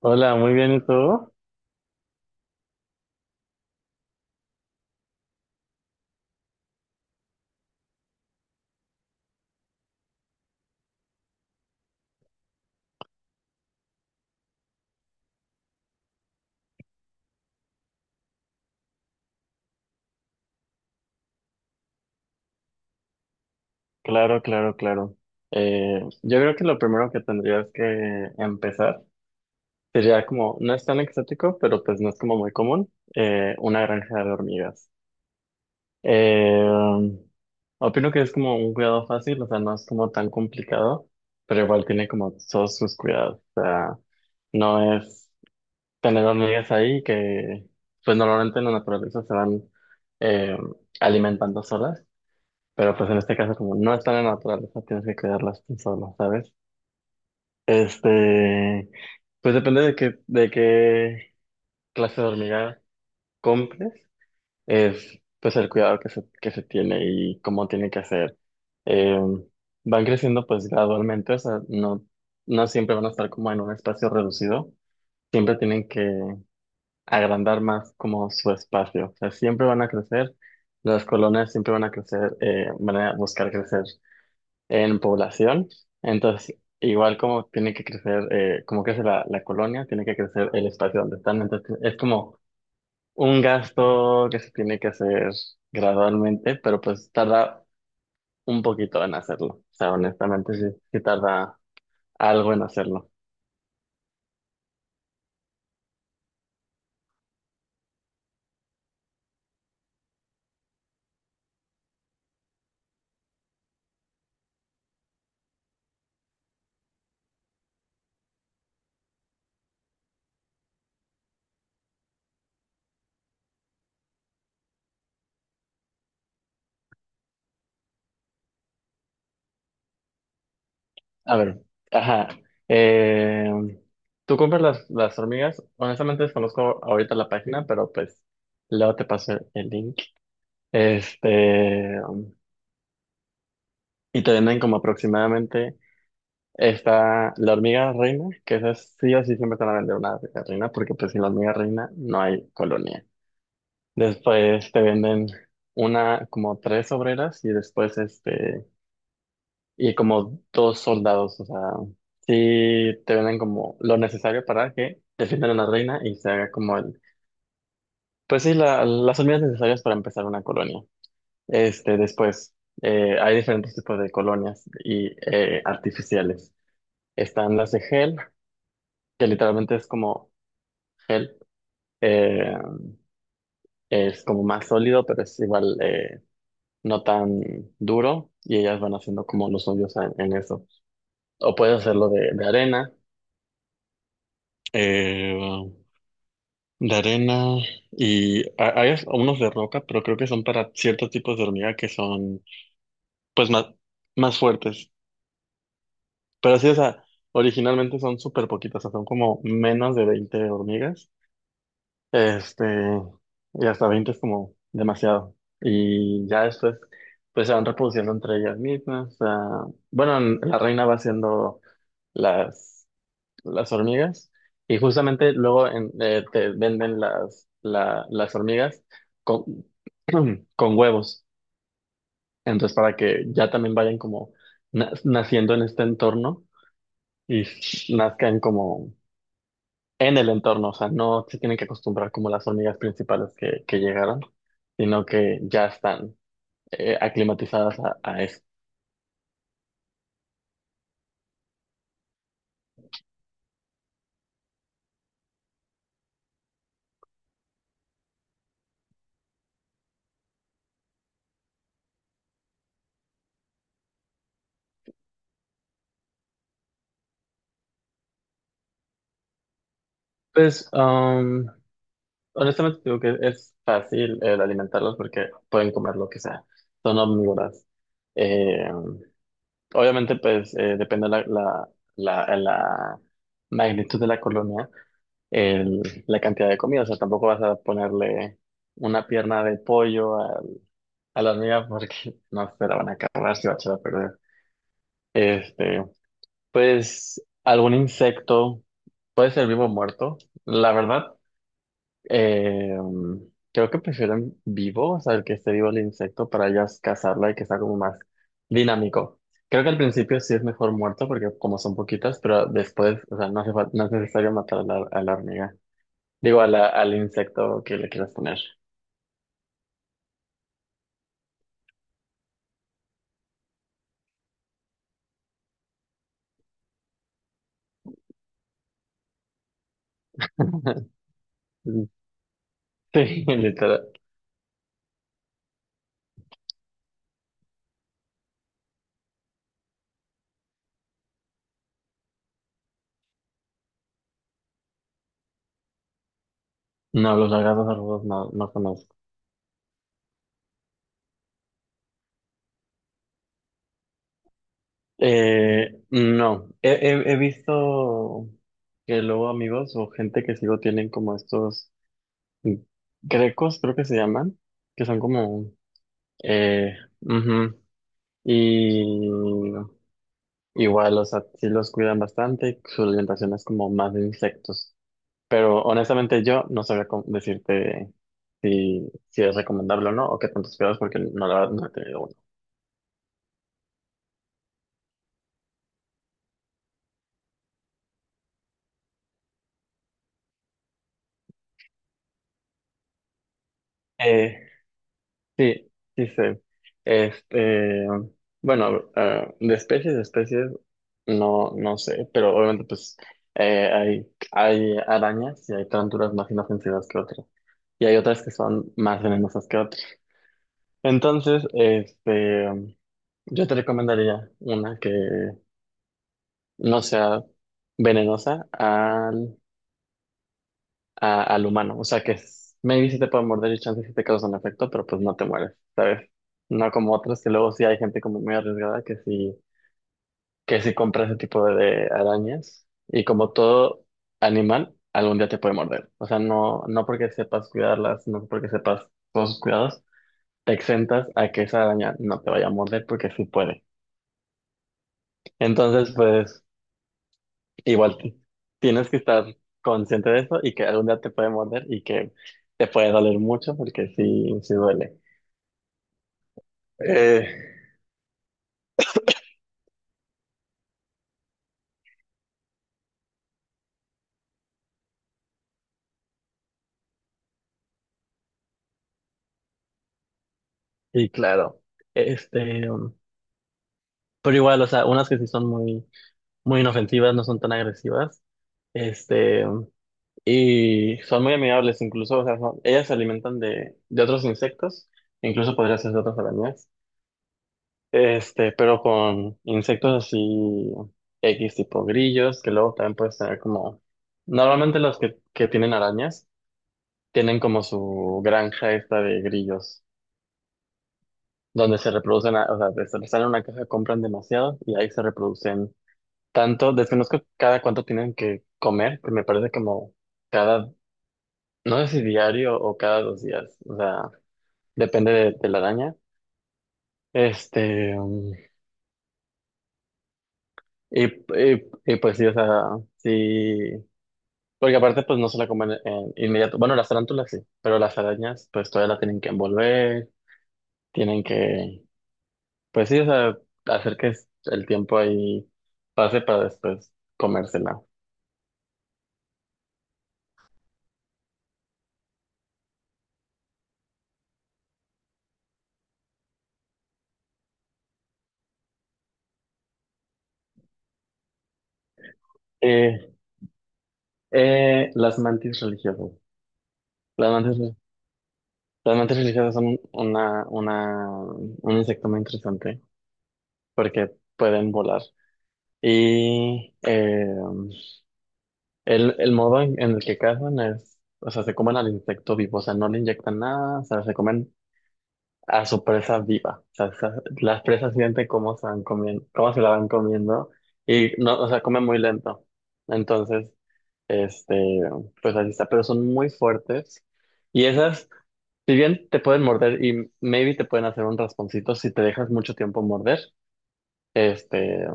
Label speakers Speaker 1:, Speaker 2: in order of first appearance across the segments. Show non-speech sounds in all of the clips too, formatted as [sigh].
Speaker 1: Hola, muy bien, ¿y tú? Claro, claro, claro. Yo creo que lo primero que tendrías que empezar sería como, no es tan exótico, pero pues no es como muy común, una granja de hormigas. Eh, Opino que es como un cuidado fácil, o sea, no es como tan complicado, pero igual tiene como todos sus cuidados. O sea, no es tener hormigas ahí que, pues normalmente en la naturaleza se van eh, alimentando solas. Pero pues en este caso, como no están en la naturaleza, tienes que cuidarlas tú solo, ¿sabes? Este, pues depende de qué clase de hormiga compres, es pues el cuidado que se tiene y cómo tiene que ser. Eh, Van creciendo pues gradualmente, o sea, no siempre van a estar como en un espacio reducido, siempre tienen que agrandar más como su espacio, o sea, siempre van a crecer, las colonias siempre van a crecer, van a buscar crecer en población. Entonces, igual como tiene que crecer, como crece la colonia, tiene que crecer el espacio donde están. Entonces, es como un gasto que se tiene que hacer gradualmente, pero pues tarda un poquito en hacerlo. O sea, honestamente, sí tarda algo en hacerlo. A ver, ajá. eh, ¿Tú compras las hormigas? Honestamente desconozco ahorita la página, pero pues luego te paso el link. Este, y te venden como aproximadamente. Está la hormiga reina, que esa sí o sí siempre te van a vender una hormiga reina, porque pues sin la hormiga reina no hay colonia. Después te venden una, como tres obreras y después y como dos soldados, o sea, sí te venden como lo necesario para que defiendan a la reina y se haga como el, pues sí, las hormigas necesarias para empezar una colonia. Después, hay diferentes tipos de colonias y artificiales. Están las de gel, que literalmente es como gel, eh, es como más sólido, pero es igual no tan duro y ellas van haciendo como los suyos en eso. O puedes hacerlo de arena, eh, de arena y hay unos de roca, pero creo que son para ciertos tipos de hormiga que son pues más fuertes. Pero sí, o sea, originalmente son súper poquitas, o sea, son como menos de 20 hormigas. Este, y hasta 20 es como demasiado. Y ya después, pues se van reproduciendo entre ellas mismas. Ah, bueno, la reina va haciendo las, las hormigas y justamente luego te venden las, las hormigas con, [clears throat] con huevos. Entonces, para que ya también vayan como naciendo en este entorno y nazcan como en el entorno, o sea, no se tienen que acostumbrar como las hormigas principales que llegaron, sino que ya están aclimatizadas a eso. Pues, honestamente digo que es fácil el alimentarlas porque pueden comer lo que sea, son omnívoras. Eh, Obviamente, pues, depende la magnitud de la colonia, la cantidad de comida, o sea, tampoco vas a ponerle una pierna de pollo a la mía porque [laughs] no se la van a acabar si va a echar a perder. Este, pues algún insecto, puede ser vivo o muerto. La verdad, eh, creo que prefieren vivo, o sea, el que esté vivo el insecto para ellas cazarla y que sea como más dinámico. Creo que al principio sí es mejor muerto porque como son poquitas, pero después, o sea, no hace no es necesario matar a a la hormiga. Digo, al insecto que le quieras poner. [laughs] Sí, literal. No, los lagartos arrugados no conozco. No, he visto que luego amigos o gente que sigo tienen como estos grecos, creo que se llaman, que son como, eh, ujú. Y igual, o sea, sí los cuidan bastante, su alimentación es como más de insectos, pero honestamente yo no sabría cómo decirte si, si es recomendable o no, o qué tantos cuidados, porque no, la verdad, no he tenido uno. Eh, Sí, sí sé. Este, bueno, ah, de especies, no, no sé, pero obviamente pues hay arañas y hay tarántulas más inofensivas que otras. Y hay otras que son más venenosas que otras. Entonces, yo te recomendaría una que no sea venenosa al humano. O sea que maybe si te pueden morder y chance si te causan efecto, pero pues no te mueres, ¿sabes? No como otras, que luego sí hay gente como muy arriesgada que sí compra ese tipo de arañas. Y como todo animal, algún día te puede morder. O sea, no porque sepas cuidarlas, no porque sepas todos sus cuidados, te exentas a que esa araña no te vaya a morder porque sí puede. Entonces, pues. Igual t- Tienes que estar consciente de eso y que algún día te puede morder y que te puede doler mucho porque sí, sí duele. Eh, y claro, este, um, pero igual, o sea, unas que sí son muy inofensivas, no son tan agresivas, este, um, y son muy amigables incluso, o sea, ellas se alimentan de otros insectos, incluso podría ser de otras arañas. Pero con insectos así X tipo grillos, que luego también puedes tener como, normalmente que tienen arañas tienen como su granja esta de grillos, donde se reproducen, o sea, les salen una caja, compran demasiado y ahí se reproducen tanto, desconozco cada cuánto tienen que comer, que me parece como cada, no sé si diario o cada 2 días, o sea, depende de la araña. Este, um, y pues sí, o sea, sí. Porque aparte, pues no se la comen en inmediato. Bueno, las tarántulas sí, pero las arañas, pues todavía la tienen que envolver, tienen que, pues sí, o sea, hacer que el tiempo ahí pase para después comérsela. Eh, las mantis religiosas. Las mantis, las mantis religiosas son un insecto muy interesante porque pueden volar. Y el modo en el que cazan es, o sea, se comen al insecto vivo, o sea, no le inyectan nada, o sea, se comen a su presa viva. O sea, las presas sienten cómo se van comiendo, cómo se la van comiendo y no, o sea, comen muy lento. Entonces, este, pues así está, pero son muy fuertes y esas, si bien te pueden morder y maybe te pueden hacer un rasponcito si te dejas mucho tiempo morder, este,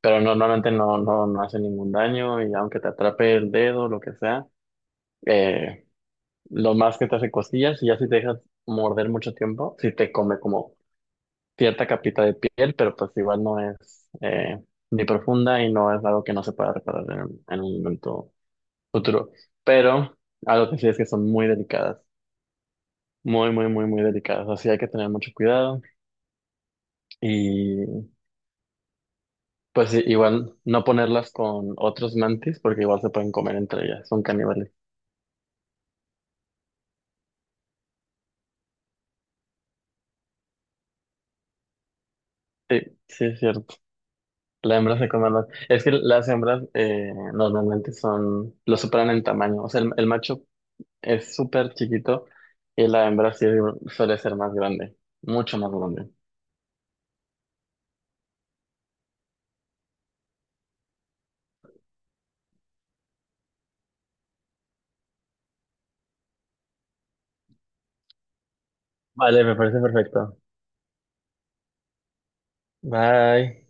Speaker 1: pero no, normalmente no hace ningún daño y aunque te atrape el dedo, lo que sea, eh, lo más que te hace costillas y ya si te dejas morder mucho tiempo, si te come como cierta capita de piel, pero pues igual no es ni profunda y no es algo que no se pueda reparar en, en un momento futuro. Pero algo que sí es que son muy delicadas, muy delicadas. Así hay que tener mucho cuidado y pues sí, igual no ponerlas con otros mantis porque igual se pueden comer entre ellas, son caníbales. Sí, sí, es cierto. La hembra se come más. Es que las hembras normalmente son, lo superan en tamaño. O sea, el macho es súper chiquito y la hembra sí suele ser más grande, mucho más grande. Vale, me parece perfecto. Bye.